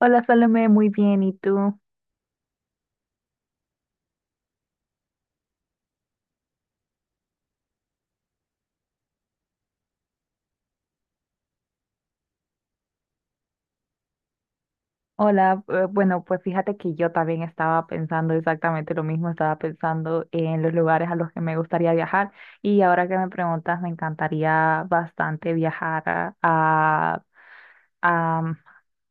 Hola, Salome, muy bien. ¿Y tú? Hola, bueno, pues fíjate que yo también estaba pensando exactamente lo mismo. Estaba pensando en los lugares a los que me gustaría viajar y ahora que me preguntas, me encantaría bastante viajar a-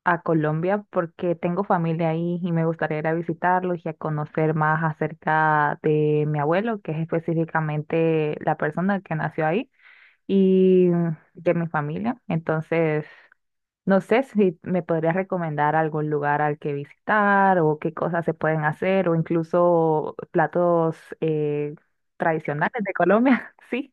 a Colombia porque tengo familia ahí y me gustaría ir a visitarlos y a conocer más acerca de mi abuelo, que es específicamente la persona que nació ahí y de mi familia. Entonces, no sé si me podrías recomendar algún lugar al que visitar o qué cosas se pueden hacer, o incluso platos tradicionales de Colombia. Sí.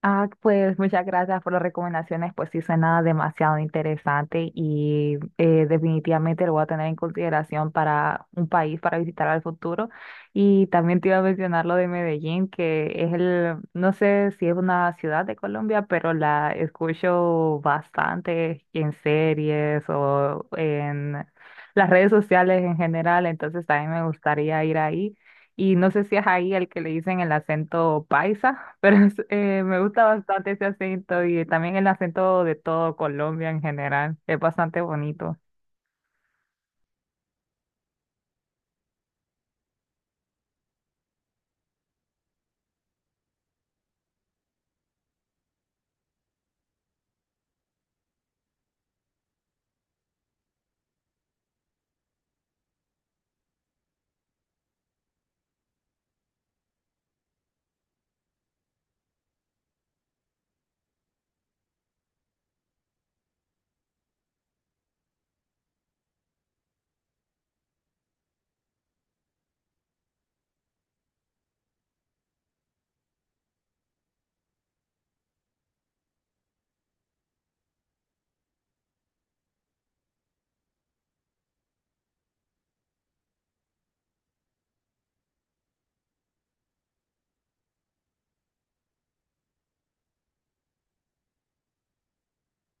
Ah, pues muchas gracias por las recomendaciones, pues sí, suena demasiado interesante y definitivamente lo voy a tener en consideración para un país para visitar al futuro. Y también te iba a mencionar lo de Medellín, que es el, no sé si es una ciudad de Colombia, pero la escucho bastante en series o en las redes sociales en general, entonces también me gustaría ir ahí. Y no sé si es ahí el que le dicen el acento paisa, pero me gusta bastante ese acento y también el acento de todo Colombia en general. Es bastante bonito.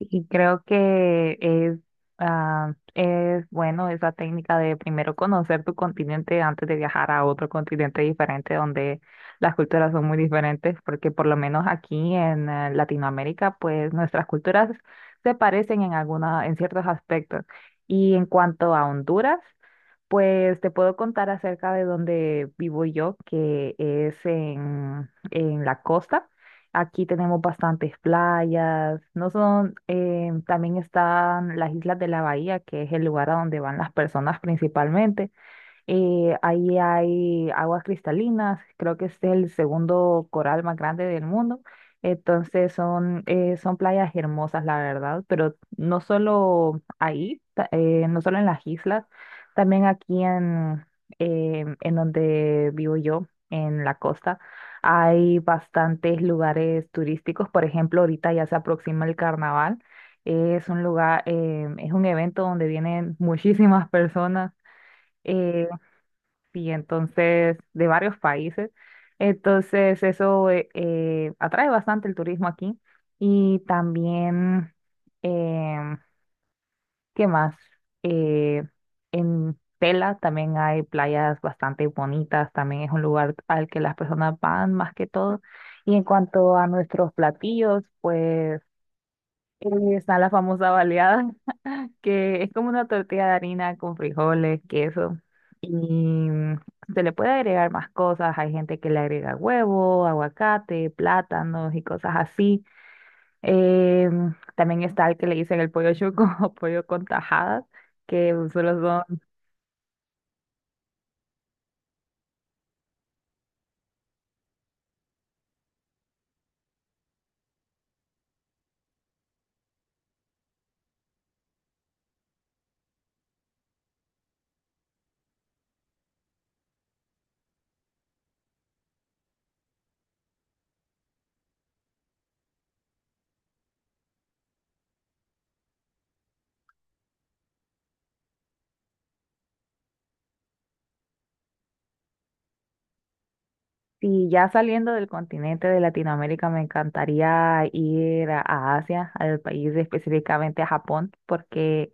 Y creo que es, ah, es bueno esa técnica de primero conocer tu continente antes de viajar a otro continente diferente donde las culturas son muy diferentes, porque por lo menos aquí en Latinoamérica, pues nuestras culturas se parecen en alguna, en ciertos aspectos. Y en cuanto a Honduras, pues te puedo contar acerca de donde vivo yo, que es en la costa. Aquí tenemos bastantes playas. No son, también están las islas de la Bahía, que es el lugar a donde van las personas principalmente. Ahí hay aguas cristalinas, creo que este es el segundo coral más grande del mundo. Entonces son, son playas hermosas, la verdad, pero no solo ahí, no solo en las islas, también aquí en donde vivo yo, en la costa, hay bastantes lugares turísticos. Por ejemplo, ahorita ya se aproxima el carnaval. Es un lugar, es un evento donde vienen muchísimas personas y entonces de varios países. Entonces eso atrae bastante el turismo aquí y también, em, ¿qué más? Eh, en Tela también hay playas bastante bonitas, también es un lugar al que las personas van más que todo. Y en cuanto a nuestros platillos, pues eh, está la famosa baleada, que es como una tortilla de harina con frijoles, queso, y se le puede agregar más cosas. Hay gente que le agrega huevo, aguacate, plátanos y cosas así. También está el que le dicen el pollo chuco o pollo con tajadas, que solo son... Y ya saliendo del continente de Latinoamérica, me encantaría ir a Asia, al país específicamente a Japón, porque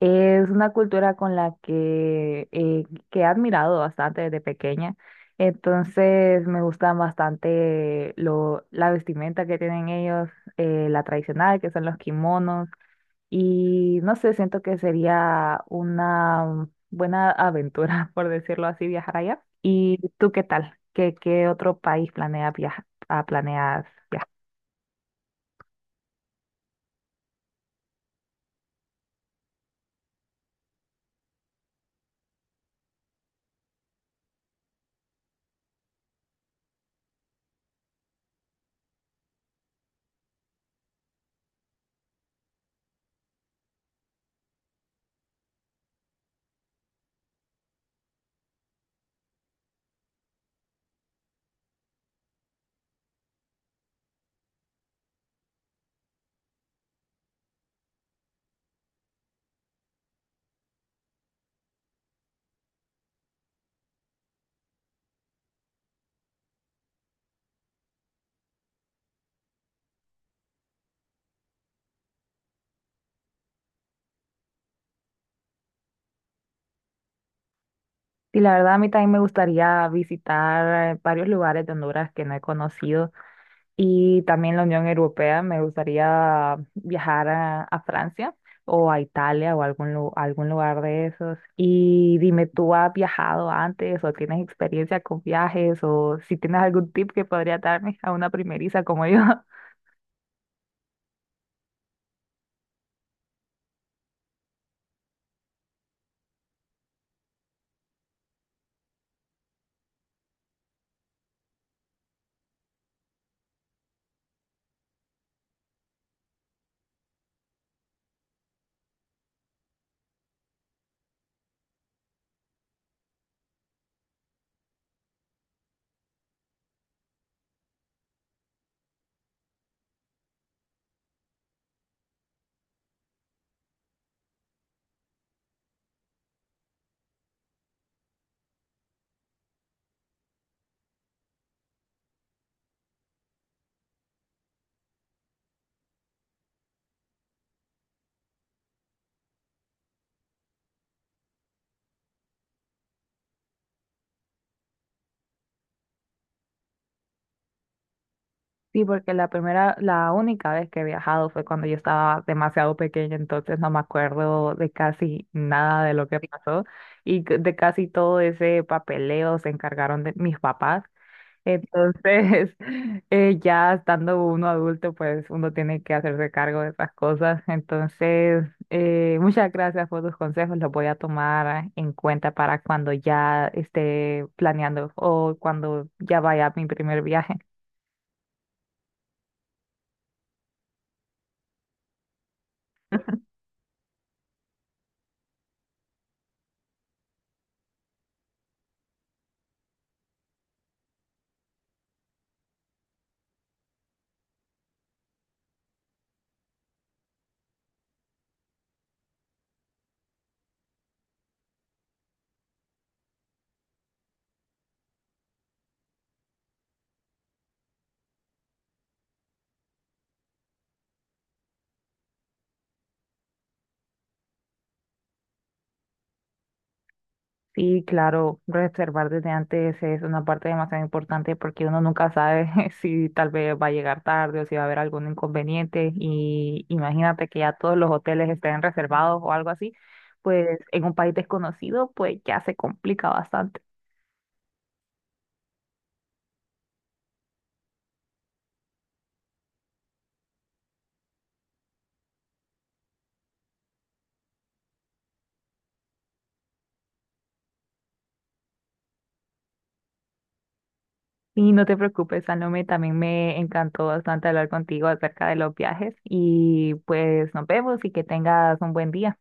es una cultura con la que he admirado bastante desde pequeña. Entonces me gustan bastante lo, la vestimenta que tienen ellos, la tradicional, que son los kimonos. Y no sé, siento que sería una buena aventura, por decirlo así, viajar allá. ¿Y tú qué tal? ¿Qué, qué otro país planeas viajar? Y la verdad, a mí también me gustaría visitar varios lugares de Honduras que no he conocido. Y también la Unión Europea. Me gustaría viajar a Francia o a Italia o a algún lugar de esos. Y dime, ¿tú has viajado antes o tienes experiencia con viajes, o si tienes algún tip que podría darme a una primeriza como yo? Sí, porque la primera, la única vez que he viajado fue cuando yo estaba demasiado pequeña, entonces no me acuerdo de casi nada de lo que pasó y de casi todo ese papeleo se encargaron de mis papás. Entonces, ya estando uno adulto, pues uno tiene que hacerse cargo de esas cosas. Entonces, muchas gracias por tus consejos, los voy a tomar en cuenta para cuando ya esté planeando o cuando ya vaya a mi primer viaje. Sí, claro, reservar desde antes es una parte demasiado importante porque uno nunca sabe si tal vez va a llegar tarde o si va a haber algún inconveniente, y imagínate que ya todos los hoteles estén reservados o algo así, pues en un país desconocido pues ya se complica bastante. Y no te preocupes, Salome, también me encantó bastante hablar contigo acerca de los viajes y pues nos vemos y que tengas un buen día.